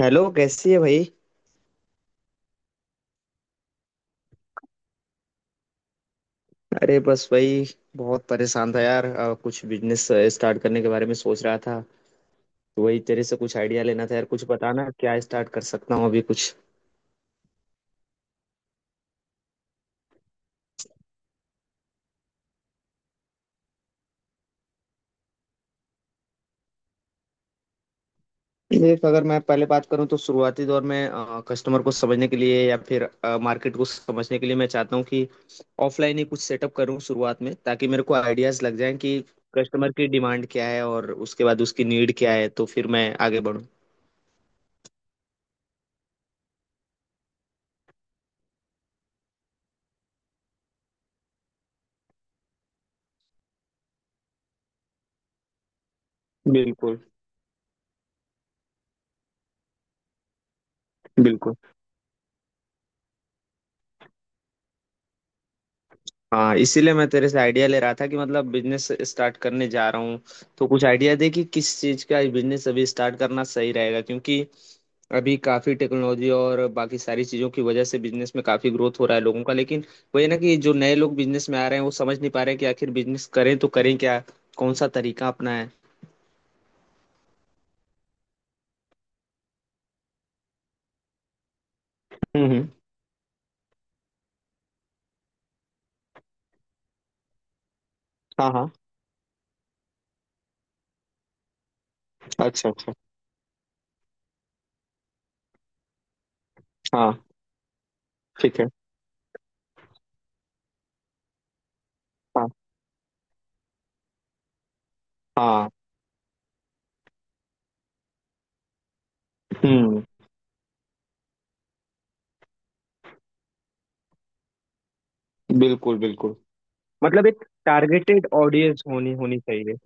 Hello, कैसी है भाई? अरे बस वही, बहुत परेशान था यार, कुछ बिजनेस स्टार्ट करने के बारे में सोच रहा था। तो वही तेरे से कुछ आइडिया लेना था यार, कुछ बताना क्या स्टार्ट कर सकता हूँ अभी कुछ। देख, अगर मैं पहले बात करूँ तो शुरुआती दौर में कस्टमर को समझने के लिए या फिर मार्केट को समझने के लिए मैं चाहता हूँ कि ऑफलाइन ही कुछ सेटअप करूँ शुरुआत में, ताकि मेरे को आइडियाज लग जाएं कि कस्टमर की डिमांड क्या है और उसके बाद उसकी नीड क्या है, तो फिर मैं आगे बढ़ूँ। बिल्कुल। बिल्कुल। हाँ, इसीलिए मैं तेरे से आइडिया ले रहा था कि मतलब बिजनेस स्टार्ट करने जा रहा हूँ, तो कुछ आइडिया दे कि किस चीज़ का बिजनेस अभी स्टार्ट करना सही रहेगा, क्योंकि अभी काफ़ी टेक्नोलॉजी और बाकी सारी चीज़ों की वजह से बिजनेस में काफ़ी ग्रोथ हो रहा है लोगों का, लेकिन वही है ना कि जो नए लोग बिजनेस में आ रहे हैं वो समझ नहीं पा रहे कि आखिर बिजनेस करें तो करें क्या, कौन सा तरीका अपनाएं। हम्म। हाँ हाँ। अच्छा अच्छा। हाँ। ठीक है। हाँ हाँ। हम्म। बिल्कुल बिल्कुल। मतलब एक टारगेटेड ऑडियंस होनी होनी चाहिए।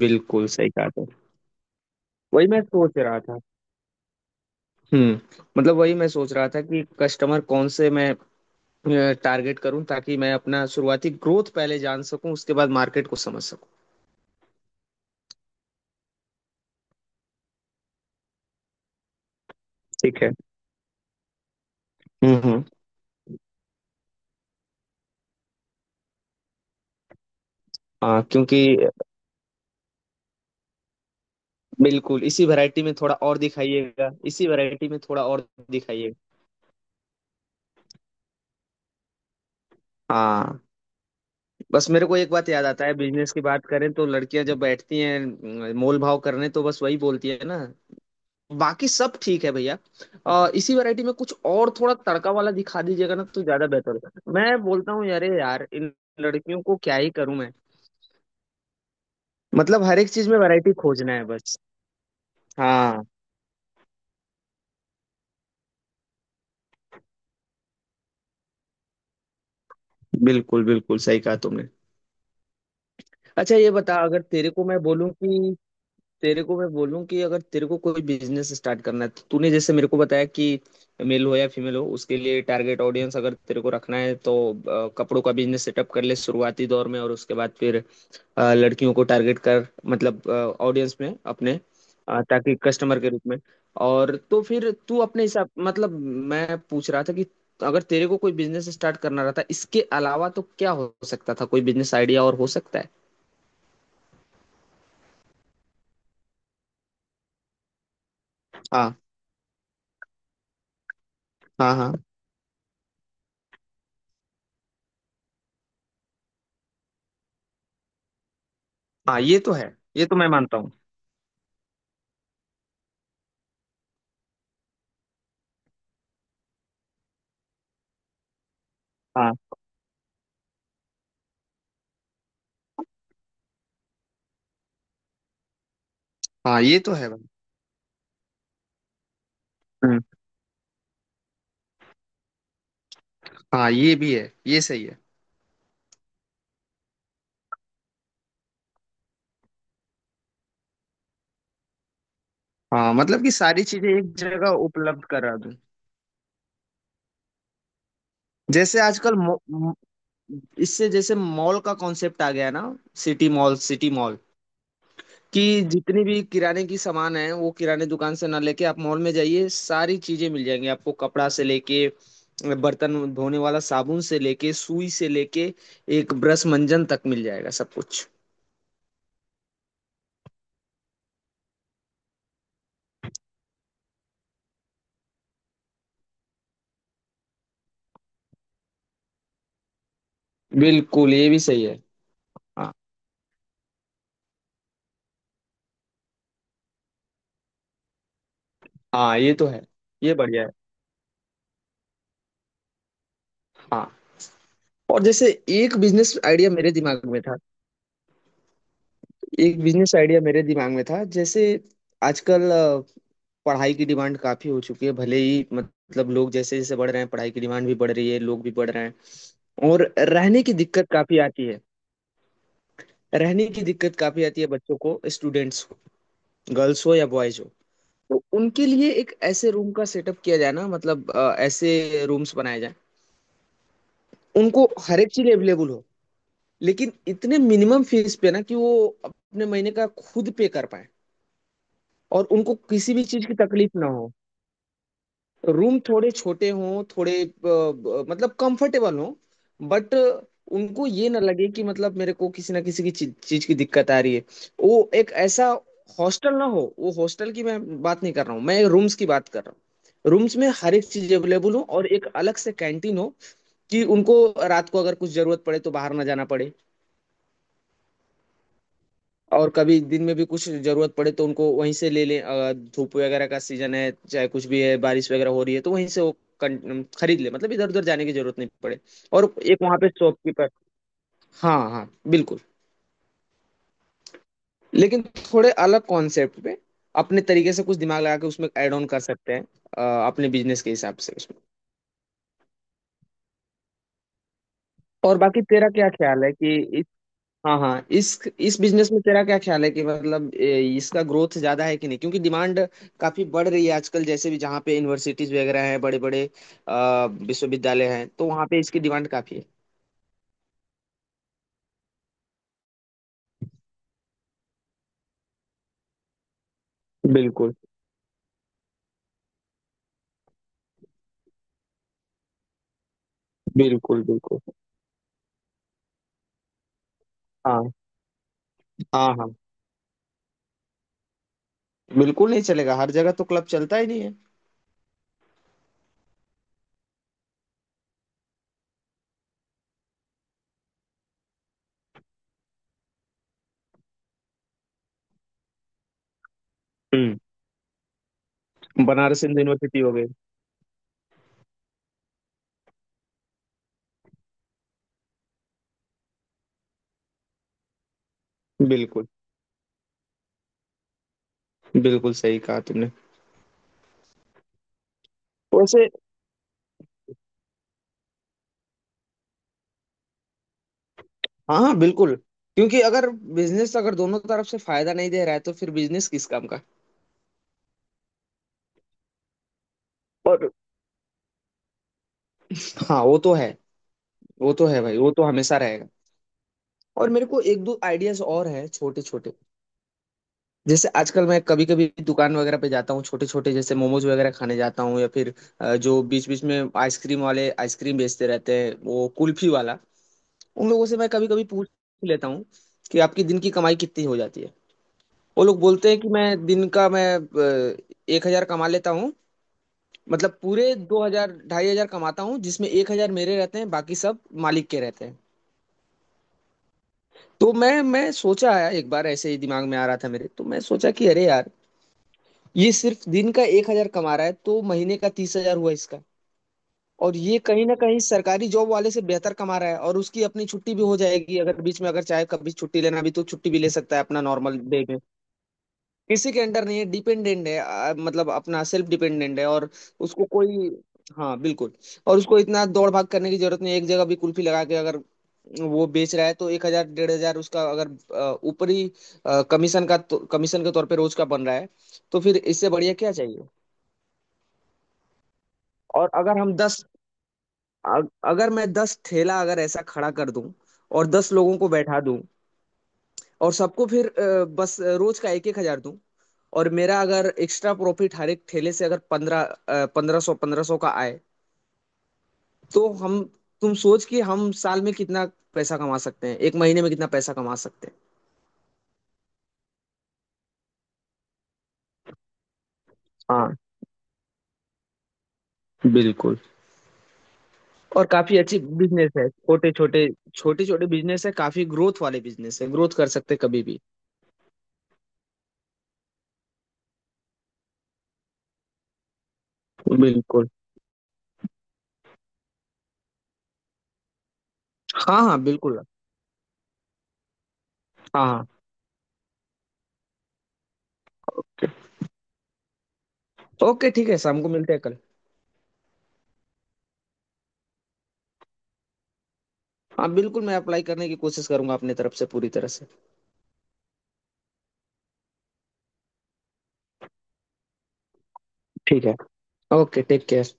बिल्कुल सही कहा। वही मैं सोच रहा था। हम्म मतलब वही मैं सोच रहा था कि कस्टमर कौन से मैं टारगेट करूं ताकि मैं अपना शुरुआती ग्रोथ पहले जान सकूं, उसके बाद मार्केट को समझ सकूं। ठीक है। हम्म। हाँ, क्योंकि बिल्कुल इसी वैरायटी में थोड़ा और दिखाइएगा, इसी वैरायटी में थोड़ा और दिखाइएगा। हाँ। बस मेरे को एक बात याद आता है, बिजनेस की बात करें तो लड़कियां जब बैठती हैं मोल भाव करने तो बस वही बोलती है ना, बाकी सब ठीक है भैया, इसी वैरायटी में कुछ और थोड़ा तड़का वाला दिखा दीजिएगा ना तो ज्यादा बेहतर होगा। मैं बोलता हूँ अरे यार, इन लड़कियों को क्या ही करूं मैं। मतलब हर एक चीज में वैरायटी खोजना है बस। हाँ। बिल्कुल बिल्कुल सही कहा तुमने। अच्छा ये बता, अगर तेरे को मैं बोलूं कि अगर तेरे को कोई बिजनेस स्टार्ट करना है तो तूने जैसे मेरे को बताया कि मेल हो या फीमेल हो, उसके लिए टारगेट ऑडियंस अगर तेरे को रखना है तो कपड़ों का बिजनेस सेटअप कर ले शुरुआती दौर में, और उसके बाद फिर लड़कियों को टारगेट कर, मतलब ऑडियंस में अपने, ताकि कस्टमर के रूप में। और तो फिर तू अपने हिसाब, मतलब मैं पूछ रहा था कि अगर तेरे को कोई बिजनेस स्टार्ट करना रहता इसके अलावा तो क्या हो सकता था, कोई बिजनेस आइडिया और हो सकता है। हाँ हाँ। हाँ हाँ, ये तो है, ये तो मैं मानता हूँ। हाँ हाँ, ये तो है भाई। हम्म। हाँ, ये भी है, ये सही है। हाँ, मतलब कि सारी चीजें एक जगह उपलब्ध करा दूं। जैसे आजकल, इससे जैसे मॉल का कॉन्सेप्ट आ गया ना, सिटी मॉल, सिटी मॉल कि जितनी भी किराने की सामान है वो किराने दुकान से ना लेके आप मॉल में जाइए, सारी चीजें मिल जाएंगी आपको, कपड़ा से लेके बर्तन धोने वाला साबुन से लेके सुई से लेके एक ब्रश मंजन तक मिल जाएगा सब कुछ। बिल्कुल, ये भी सही है। हाँ हाँ, ये तो है। ये बढ़िया है। हाँ। और जैसे, एक बिजनेस आइडिया मेरे दिमाग में था एक बिजनेस आइडिया मेरे दिमाग में था, जैसे आजकल पढ़ाई की डिमांड काफी हो चुकी है, भले ही मतलब लोग जैसे जैसे बढ़ रहे हैं पढ़ाई की डिमांड भी बढ़ रही है, लोग भी बढ़ रहे हैं। और रहने की दिक्कत काफी आती है रहने की दिक्कत काफी आती है बच्चों को, स्टूडेंट्स को, गर्ल्स हो या बॉयज हो। तो उनके लिए एक ऐसे रूम का सेटअप किया जाए ना, मतलब ऐसे रूम्स बनाए जाए, उनको हर एक चीज अवेलेबल हो, लेकिन इतने मिनिमम फीस पे ना कि वो अपने महीने का खुद पे कर पाए, और उनको किसी भी चीज की तकलीफ ना हो। रूम थोड़े छोटे हों, थोड़े मतलब कंफर्टेबल हों, बट उनको ये ना लगे कि मतलब मेरे को किसी ना किसी की चीज की दिक्कत आ रही है। वो एक ऐसा हॉस्टल ना हो, वो हॉस्टल की मैं बात नहीं कर रहा हूँ, मैं रूम्स की बात कर रहा हूँ। रूम्स में हर एक चीज अवेलेबल हो और एक अलग से कैंटीन हो कि उनको रात को अगर कुछ जरूरत पड़े तो बाहर ना जाना पड़े, और कभी दिन में भी कुछ जरूरत पड़े तो उनको वहीं से ले लें, अगर धूप वगैरह का सीजन है चाहे कुछ भी है, बारिश वगैरह हो रही है तो वहीं से वो खरीद ले, मतलब इधर उधर जाने की जरूरत नहीं पड़े, और एक वहां पे शॉपकीपर। हाँ हाँ। बिल्कुल। लेकिन थोड़े अलग कॉन्सेप्ट पे अपने तरीके से कुछ दिमाग लगा के उसमें ऐड ऑन कर सकते हैं, अपने बिजनेस के हिसाब से उसमें। और बाकी तेरा क्या ख्याल है कि, हाँ हाँ, इस बिजनेस में तेरा क्या ख्याल है कि मतलब इसका ग्रोथ ज्यादा है कि नहीं, क्योंकि डिमांड काफी बढ़ रही है आजकल, जैसे भी जहाँ पे यूनिवर्सिटीज वगैरह हैं बड़े बड़े विश्वविद्यालय हैं तो वहाँ पे इसकी डिमांड काफी है। बिल्कुल बिल्कुल। बिल्कुल। हाँ हाँ। हाँ, बिल्कुल नहीं चलेगा, हर जगह तो क्लब चलता ही नहीं है। हम्म बनारस हिंदू यूनिवर्सिटी हो गई। बिल्कुल, बिल्कुल सही कहा तुमने। वैसे, हाँ हाँ बिल्कुल, क्योंकि अगर बिजनेस अगर दोनों तरफ से फायदा नहीं दे रहा है तो फिर बिजनेस किस काम का। और हाँ, वो तो है, वो तो है भाई, वो तो हमेशा रहेगा। और मेरे को एक दो आइडियाज और हैं छोटे छोटे, जैसे आजकल मैं कभी कभी दुकान वगैरह पे जाता हूँ छोटे छोटे, जैसे मोमोज वगैरह खाने जाता हूँ या फिर जो बीच बीच में आइसक्रीम वाले आइसक्रीम बेचते रहते हैं, वो कुल्फी वाला। उन लोगों से मैं कभी कभी पूछ लेता हूँ कि आपकी दिन की कमाई कितनी हो जाती है। वो लोग बोलते हैं कि मैं दिन का, मैं 1,000 कमा लेता हूँ, मतलब पूरे 2,000 2,500 कमाता हूँ जिसमें 1,000 मेरे रहते हैं, बाकी सब मालिक के रहते हैं। तो मैं सोचा, आया एक बार ऐसे ही दिमाग में आ रहा था मेरे, तो मैं सोचा कि अरे यार, ये सिर्फ दिन का 1,000 कमा रहा है तो महीने का 30,000 हुआ इसका। और ये कहीं ना कहीं सरकारी जॉब वाले से बेहतर कमा रहा है, और उसकी अपनी छुट्टी भी हो जाएगी। अगर बीच में अगर चाहे कभी छुट्टी लेना भी तो छुट्टी भी ले सकता है अपना नॉर्मल डे में, किसी के अंडर नहीं है, डिपेंडेंट है, मतलब अपना सेल्फ डिपेंडेंट है और उसको कोई, हाँ बिल्कुल, और उसको इतना दौड़ भाग करने की जरूरत नहीं है। एक जगह भी कुल्फी लगा के अगर वो बेच रहा है तो 1,000 1,500 उसका अगर ऊपरी कमीशन का कमीशन के तौर पे रोज का बन रहा है, तो फिर इससे बढ़िया क्या चाहिए। और अगर मैं 10 ठेला अगर ऐसा खड़ा कर दूं और 10 लोगों को बैठा दूं, और सबको फिर बस रोज का एक एक हजार दूं, और मेरा अगर एक्स्ट्रा प्रॉफिट हर एक ठेले से अगर पंद्रह 1,500 1,500 का आए, तो हम तुम सोच कि हम साल में कितना पैसा कमा सकते हैं, एक महीने में कितना पैसा कमा सकते हैं। हाँ, बिल्कुल। और काफी अच्छी बिजनेस है छोटे छोटे, छोटे छोटे बिजनेस है, काफी ग्रोथ वाले बिजनेस है, ग्रोथ कर सकते हैं कभी भी। बिल्कुल। हाँ हाँ बिल्कुल। हाँ हाँ। ओके ठीक है, शाम को मिलते हैं कल। हाँ बिल्कुल, मैं अप्लाई करने की कोशिश करूंगा अपने तरफ से पूरी तरह से। ठीक है। Okay, take care.